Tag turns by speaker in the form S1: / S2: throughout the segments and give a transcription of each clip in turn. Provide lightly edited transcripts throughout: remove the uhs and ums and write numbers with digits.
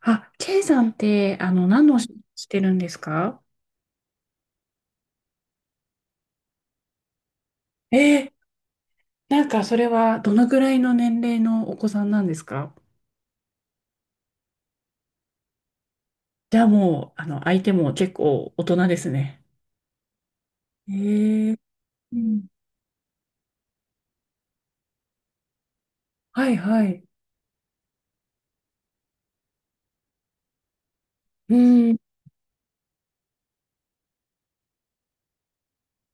S1: あ、K さんって、何のお仕事してるんですか？えー、なんかそれはどのぐらいの年齢のお子さんなんですか？じゃあもう、相手も結構大人ですね。えー、うん、はいはい。うん。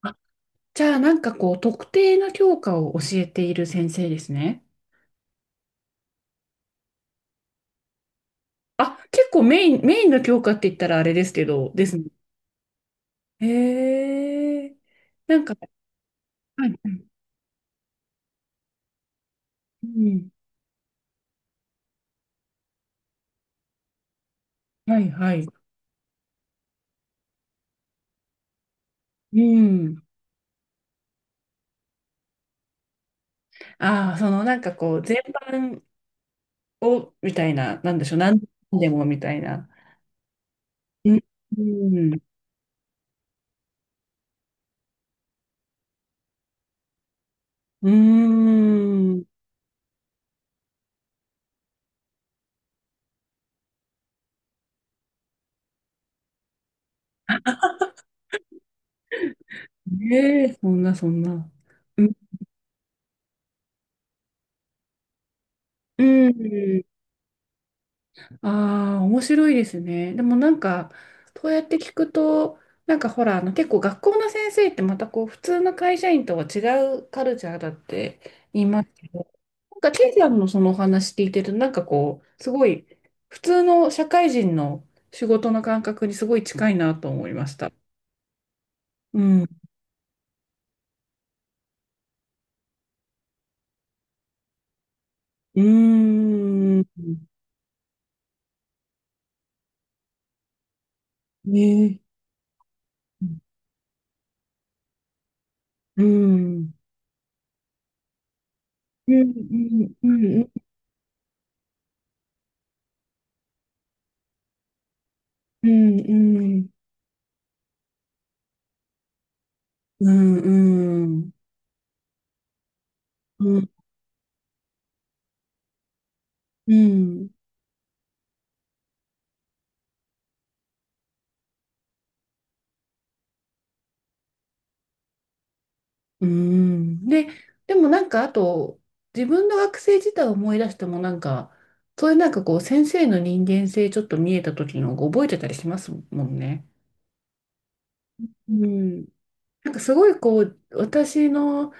S1: あ、じゃあなんかこう、特定の教科を教えている先生ですね。あ、結構メインの教科って言ったらあれですけど、ですね。へえ、なんか、はいはい。うん、はいはい。うん。ああ、そのなんかこう、全般を、みたいな、なんでしょう、何でもみたいな。うん。うん。うーん。ねえ、そんな、そんな。うん。うん。ああ、面白いですね。でもなんか、そうやって聞くと、なんかほら、あの結構学校の先生ってまたこう、普通の会社員とは違うカルチャーだって言いますけど、なんか、ケイさんのそのお話聞いてると、なんかこう、すごい、普通の社会人の仕事の感覚にすごい近いなと思いました。うん。うーん。ねえ。うん。うん。うん。うん。うん。うん。うん。うん。うん。うん。うん、うん。で、でもなんかあと、自分の学生時代を思い出してもなんか、そういうなんかこう、先生の人間性ちょっと見えた時の覚えてたりしますもんね。うん。なんかすごいこう、私の、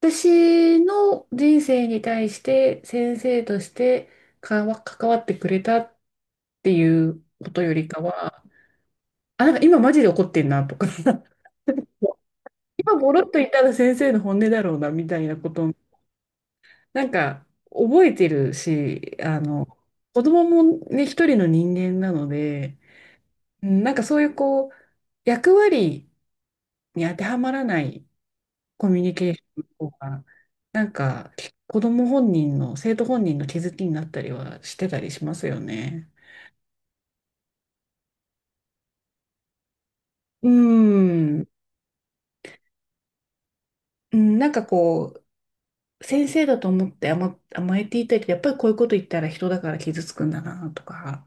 S1: 私の人生に対して先生として関わってくれたっていうことよりかは、あ、なんか今マジで怒ってんなとか、今ボロッと言ったら先生の本音だろうなみたいなことなんか、覚えてるし、子供もね、一人の人間なので、うん、なんかそういうこう、役割に当てはまらないコミュニケーションの方が、なんか、子供本人の、生徒本人の気づきになったりはしてたりしますよね。うん、うん、なんかこう、先生だと思って甘えていたり、やっぱりこういうこと言ったら人だから傷つくんだなとか、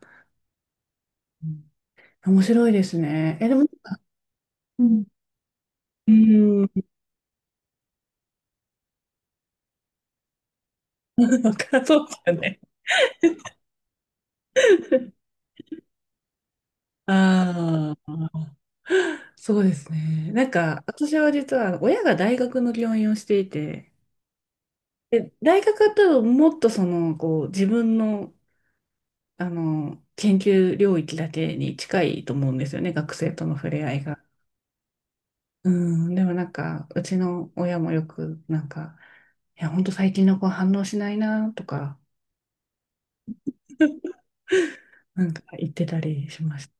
S1: うん。面白いですね。え、でも、うん、うん。 わかんそうですよね。ああ、そうですね。なんか、私は実は親が大学の教員をしていて、で、大学だともっとその、こう、自分の、研究領域だけに近いと思うんですよね、学生との触れ合いが。うん、でもなんか、うちの親もよく、なんか、いや、ほんと最近の子反応しないな、とか、なんか言ってたりしました。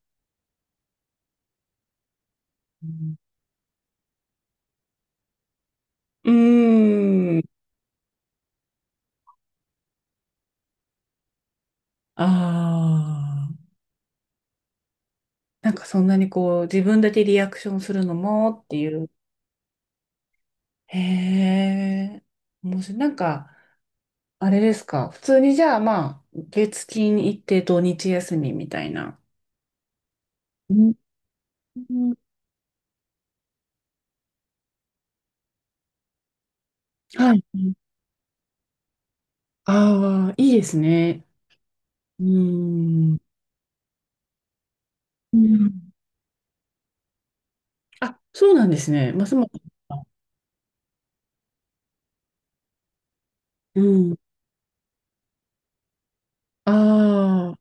S1: うん。うーん。ああ。なんかそんなにこう、自分だけリアクションするのもっていう。へえ、面白い。なんか、あれですか。普通にじゃあまあ、月金行って土日休みみたいな。うんうん、はい。ああ、いいですね。うーん。うん、あ、そうなんですね。ますます。うん。あ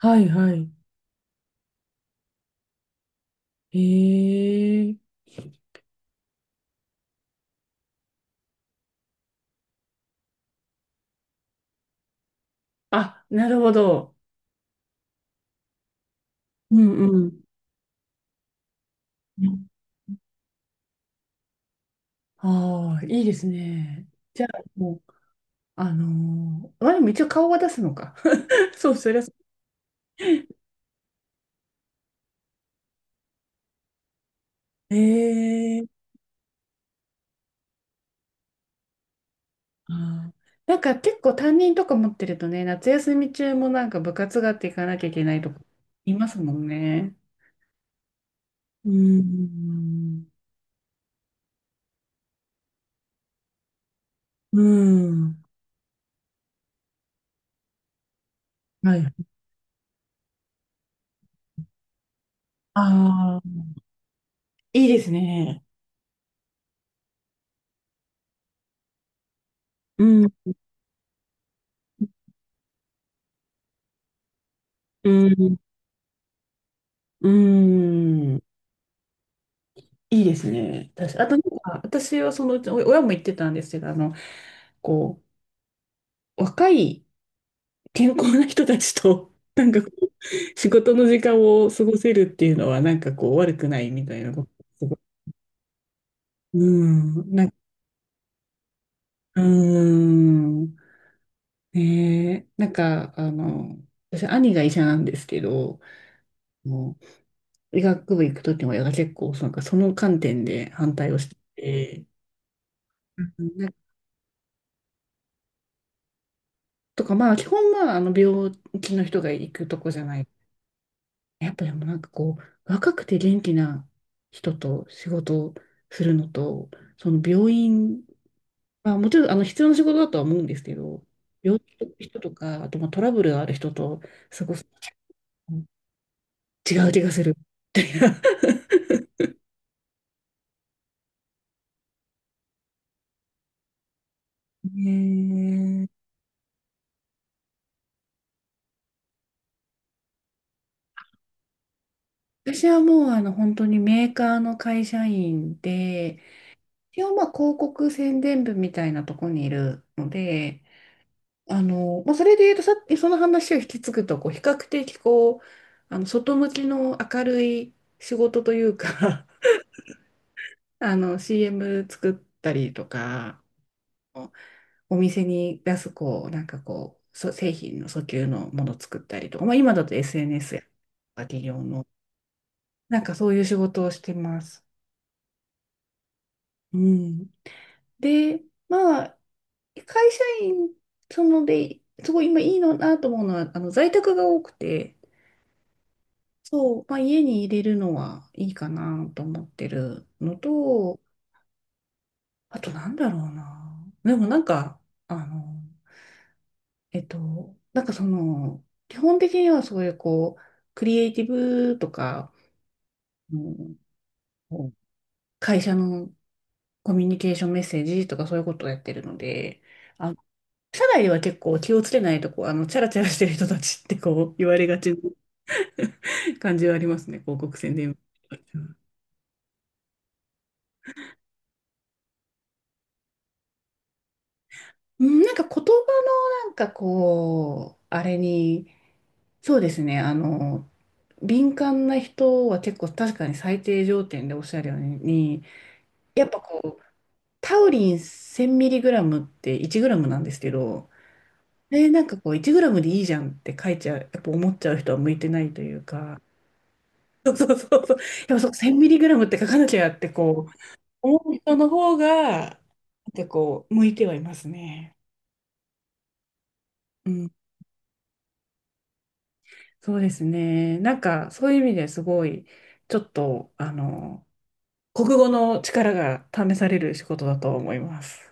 S1: あ、はいはい。へえ。あ、なるほど。うんうん。ああ、いいですね。じゃあ、もう、まあ、でも一応顔は出すのか。そう、そりゃそう。ええ、あーなんか結構担任とか持ってるとね、夏休み中もなんか部活があって行かなきゃいけないとかいますもんね。うん。うん。はい。ああ、いいですね。うん。うん。うん。いいですね。確かあとなんか、私はそのうち、お親も言ってたんですけど、こう、若い、健康な人たちと、なんかこう、仕事の時間を過ごせるっていうのは、なんかこう、悪くないみたいなこと、すごい。うん、なんか、うーん、ねえ、なんか、私、兄が医者なんですけど、もう医学部行くときも、親が結構、なんかその観点で反対をしてて、うん、なんかとか、まあ、基本、まあ、病気の人が行くとこじゃない、やっぱでもなんかこう、若くて元気な人と仕事をするのと、その病院、まあもちろんあの必要な仕事だとは思うんですけど、病気の人とか、あとまあトラブルがある人と過ごす違う気がする。ねえ、私はもうあの本当にメーカーの会社員で、一応まあ広告宣伝部みたいなとこにいるので、まあ、それで言うとさ、その話を引き継ぐと、こう、比較的こう、外向きの明るい仕事というか、 CM 作ったりとか、お店に出す、こう、なんかこう、製品の訴求のもの作ったりとか、まあ、今だと SNS や、なんかそういう仕事をしてます。うん。で、まあ、会社員、そので、すごい今いいのなと思うのは、在宅が多くて、そう、まあ、家に入れるのはいいかなと思ってるのと、あとなんだろうな。でもなんか、あの、えっと、なんかその、基本的にはそういうこう、クリエイティブとか、うん、こう、会社のコミュニケーションメッセージとかそういうことをやってるので、あの、社内では結構気をつけないとこう、チャラチャラしてる人たちってこう、言われがちな感じはありますね、広告宣伝部。うん、なんか言葉のなんかこう、あれに、そうですね、敏感な人は結構確かに最低条件でおっしゃるように、やっぱこう、タウリン 1000mg って1グラムなんですけど、で、なんかこう、1グラムでいいじゃんって書いちゃう、やっぱ思っちゃう人は向いてないというか、そうそうそうそう、やっぱそう、 1000mg って書かなきゃってこう、思う人の方が、なんかこう、向いてはいますね。そうですね。なんか、そういう意味ですごい、ちょっと、国語の力が試される仕事だと思います。